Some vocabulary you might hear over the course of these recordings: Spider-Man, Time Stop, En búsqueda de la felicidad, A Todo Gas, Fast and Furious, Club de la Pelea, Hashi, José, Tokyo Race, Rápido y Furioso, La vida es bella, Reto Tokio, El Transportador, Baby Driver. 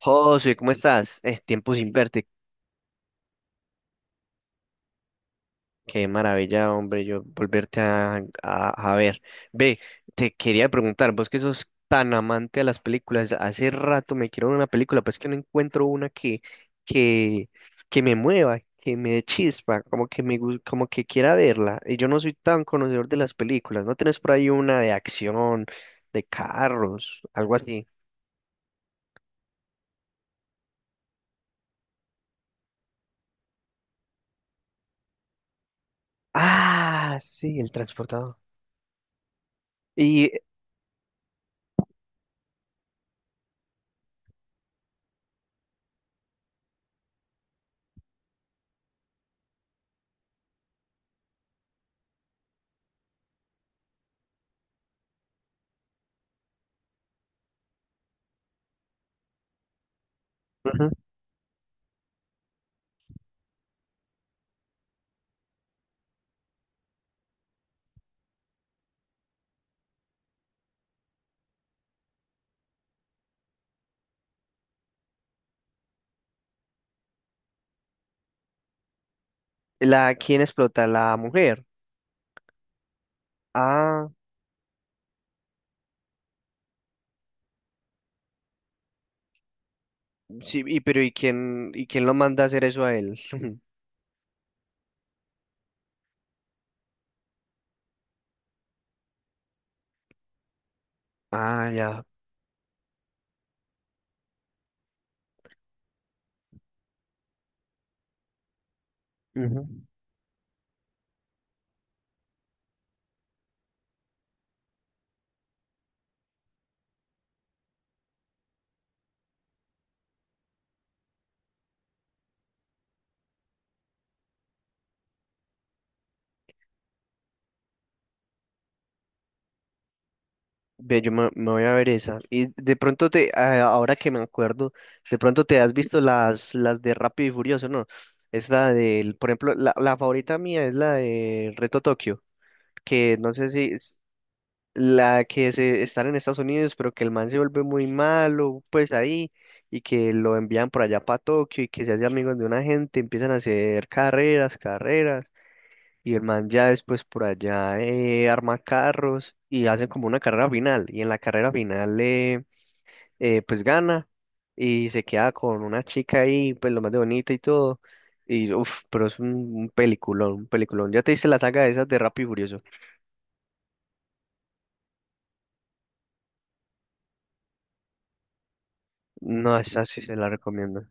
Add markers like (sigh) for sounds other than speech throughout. José, ¿cómo estás? Es tiempo sin verte. Qué maravilla, hombre, yo volverte a ver. Ve, te quería preguntar, vos que sos tan amante a las películas, hace rato me quiero ver una película, pero es que no encuentro una que, que me mueva, que me dé chispa, como que como que quiera verla. Y yo no soy tan conocedor de las películas. ¿No tenés por ahí una de acción, de carros, algo así? Ah, sí, el transportador. Y, ujú. La, ¿quién explota? La mujer. Ah, sí, y pero ¿y y quién lo manda a hacer eso a él? (laughs) Ah, ya. Ujú. Ve, me voy a ver esa. Y de pronto ahora que me acuerdo, de pronto te has visto las de Rápido y Furioso, ¿no? Es la del, por ejemplo, la favorita mía es la de Reto Tokio, que no sé si. La que se están en Estados Unidos, pero que el man se vuelve muy malo, pues ahí, y que lo envían por allá para Tokio y que se hace amigos de una gente, empiezan a hacer carreras, carreras, y el man ya después por allá arma carros y hacen como una carrera final, y en la carrera final pues gana y se queda con una chica ahí, pues lo más de bonita y todo. Y uff, pero es un peliculón, un peliculón. ¿Ya te diste la saga de esas de Rápido y Furioso? No, esa sí se la recomiendo.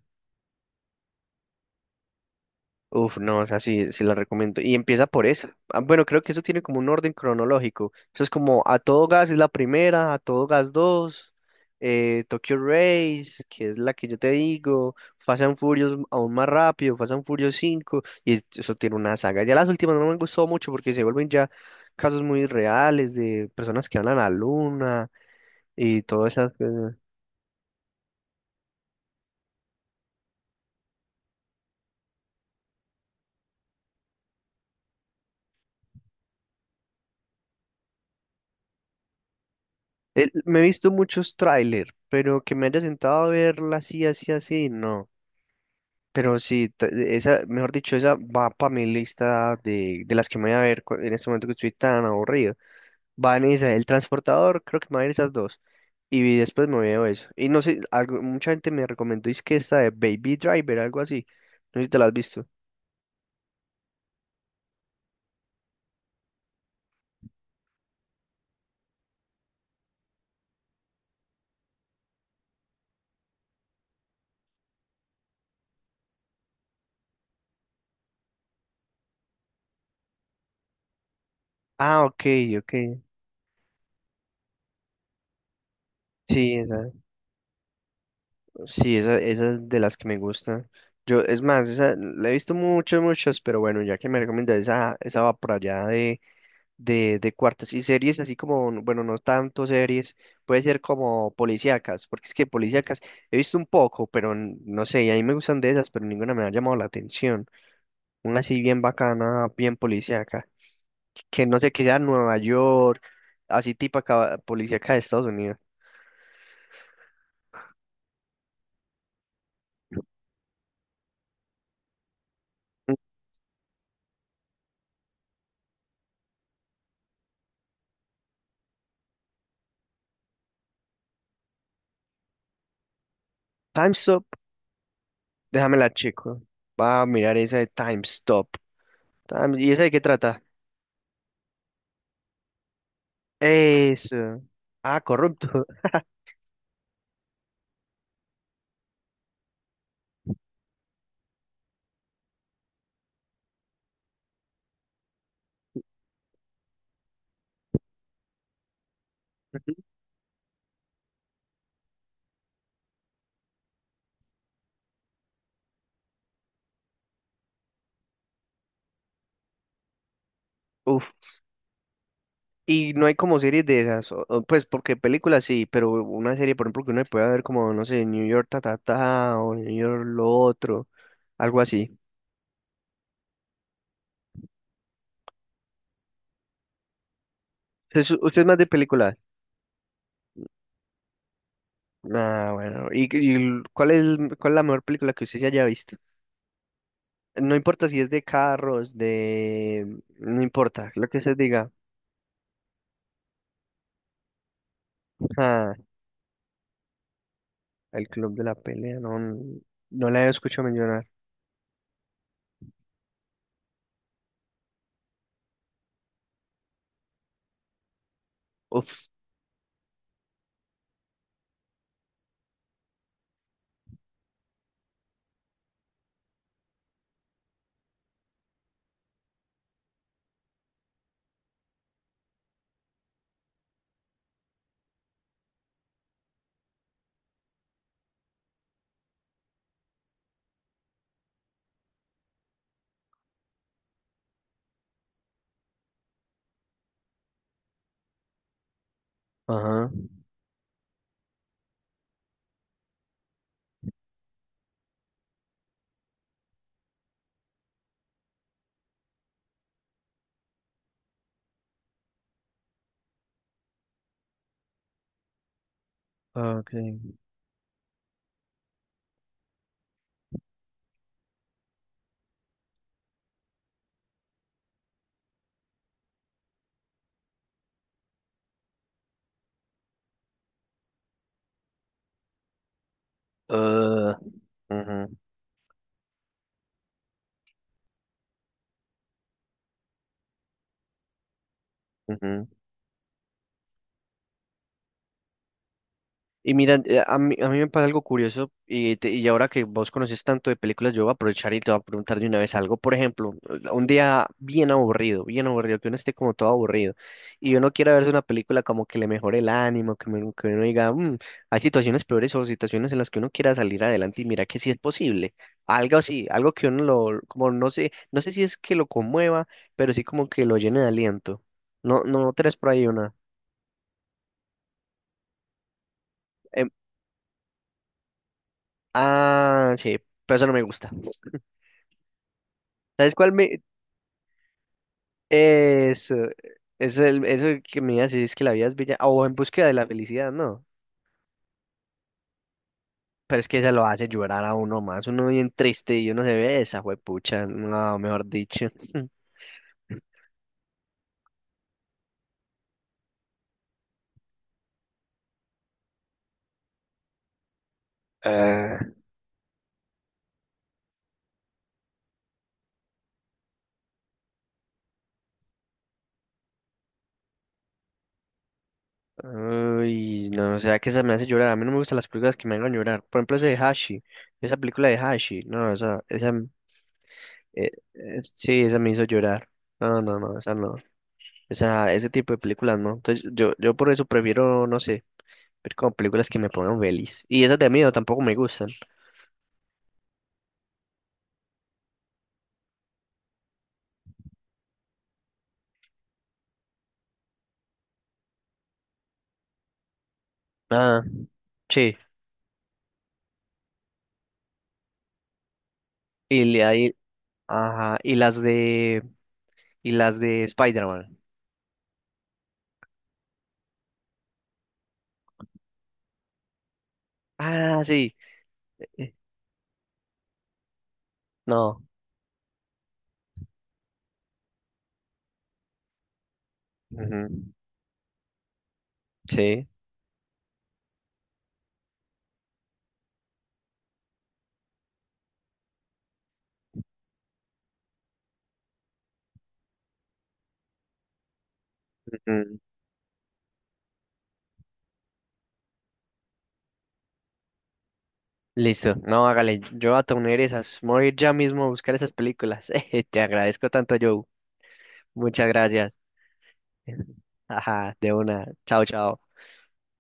Uf, no, o sea, sí, sí la recomiendo. Y empieza por esa. Ah, bueno, creo que eso tiene como un orden cronológico. Eso es como A Todo Gas es la primera, A Todo Gas 2, Tokyo Race, que es la que yo te digo, Fast and Furious aún más rápido, Fast and Furious 5 y eso tiene una saga. Ya las últimas no me gustó mucho porque se vuelven ya casos muy reales de personas que van a la luna y todas esas cosas. Me he visto muchos tráiler, pero que me haya sentado a verla así, así, así, no. Pero sí, esa, mejor dicho, esa va para mi lista de las que me voy a ver en este momento que estoy tan aburrido. Va en esa, el transportador, creo que me voy a ver esas dos. Y después me veo eso. Y no sé, algo, mucha gente me recomendó, es que esta de Baby Driver, algo así. No sé si te la has visto. Ah, ok, ok. Sí, esa, sí, esa, esa es de las que me gusta. Yo, es más, esa la he visto muchas, muchas, pero bueno, ya que me recomiendas esa, esa va por allá de cuartos y series así como, bueno, no tanto series, puede ser como policíacas, porque es que policíacas he visto un poco, pero no sé, y a mí me gustan de esas, pero ninguna me ha llamado la atención. Una así bien bacana, bien policíaca, que no sé, que sea Nueva York, así tipo acá, policíaca de Estados Unidos. Time Stop, déjamela chico. Va a mirar esa de Time Stop. ¿Y esa de qué trata? Eso. Ah, corrupto. (laughs) Ujú. Uf, y no hay como series de esas, o, pues porque películas sí, pero una serie, por ejemplo, que uno puede ver como, no sé, New York ta ta ta o New York lo otro, algo así. ¿Usted es más de películas? Ah, bueno. Y cuál es la mejor película que usted se haya visto? No importa si es de carros, de... No importa, lo que usted diga. Ah, el Club de la Pelea, no, no la he escuchado mencionar. Uf, ajá, ah, ok. Ah, ujú, ujú. Y mira, a a mí me pasa algo curioso y y ahora que vos conoces tanto de películas, yo voy a aprovechar y te voy a preguntar de una vez algo. Por ejemplo, un día bien aburrido, que uno esté como todo aburrido y uno quiera verse una película como que le mejore el ánimo, que uno diga, "Mm, hay situaciones peores o situaciones en las que uno quiera salir adelante y mira que sí es posible. Algo así, algo que uno lo, como no sé, no sé si es que lo conmueva, pero sí como que lo llene de aliento. No, no, tres por ahí una. Em, ah, sí, pero eso no me gusta. Tal cual me... Eso, es el, eso que me iba a decir es que la vida es bella, o en búsqueda de la felicidad, no. Pero es que ella lo hace llorar a uno más, uno bien triste y uno se ve esa juepucha, no, mejor dicho. (laughs) Ah, uy, no, o sea que esa me hace llorar, a mí no me gustan las películas que me hagan llorar. Por ejemplo, ese de Hashi, esa película de Hashi, no, esa, sí, esa me hizo llorar. No, no, no, esa no, esa, ese tipo de películas no. Entonces yo por eso prefiero, no sé. Ver como películas que me pongan feliz. Y esas de miedo tampoco me gustan. Ah, sí. Y ajá. Y las de Spider-Man. Ah, sí. Eh, no. Ujú. Sí. Ujú. Listo. No, hágale. Yo voy a tener esas. Me voy a ir ya mismo a buscar esas películas. (laughs) Te agradezco tanto, Joe. Muchas gracias. (laughs) Ajá, de una. Chao, chao.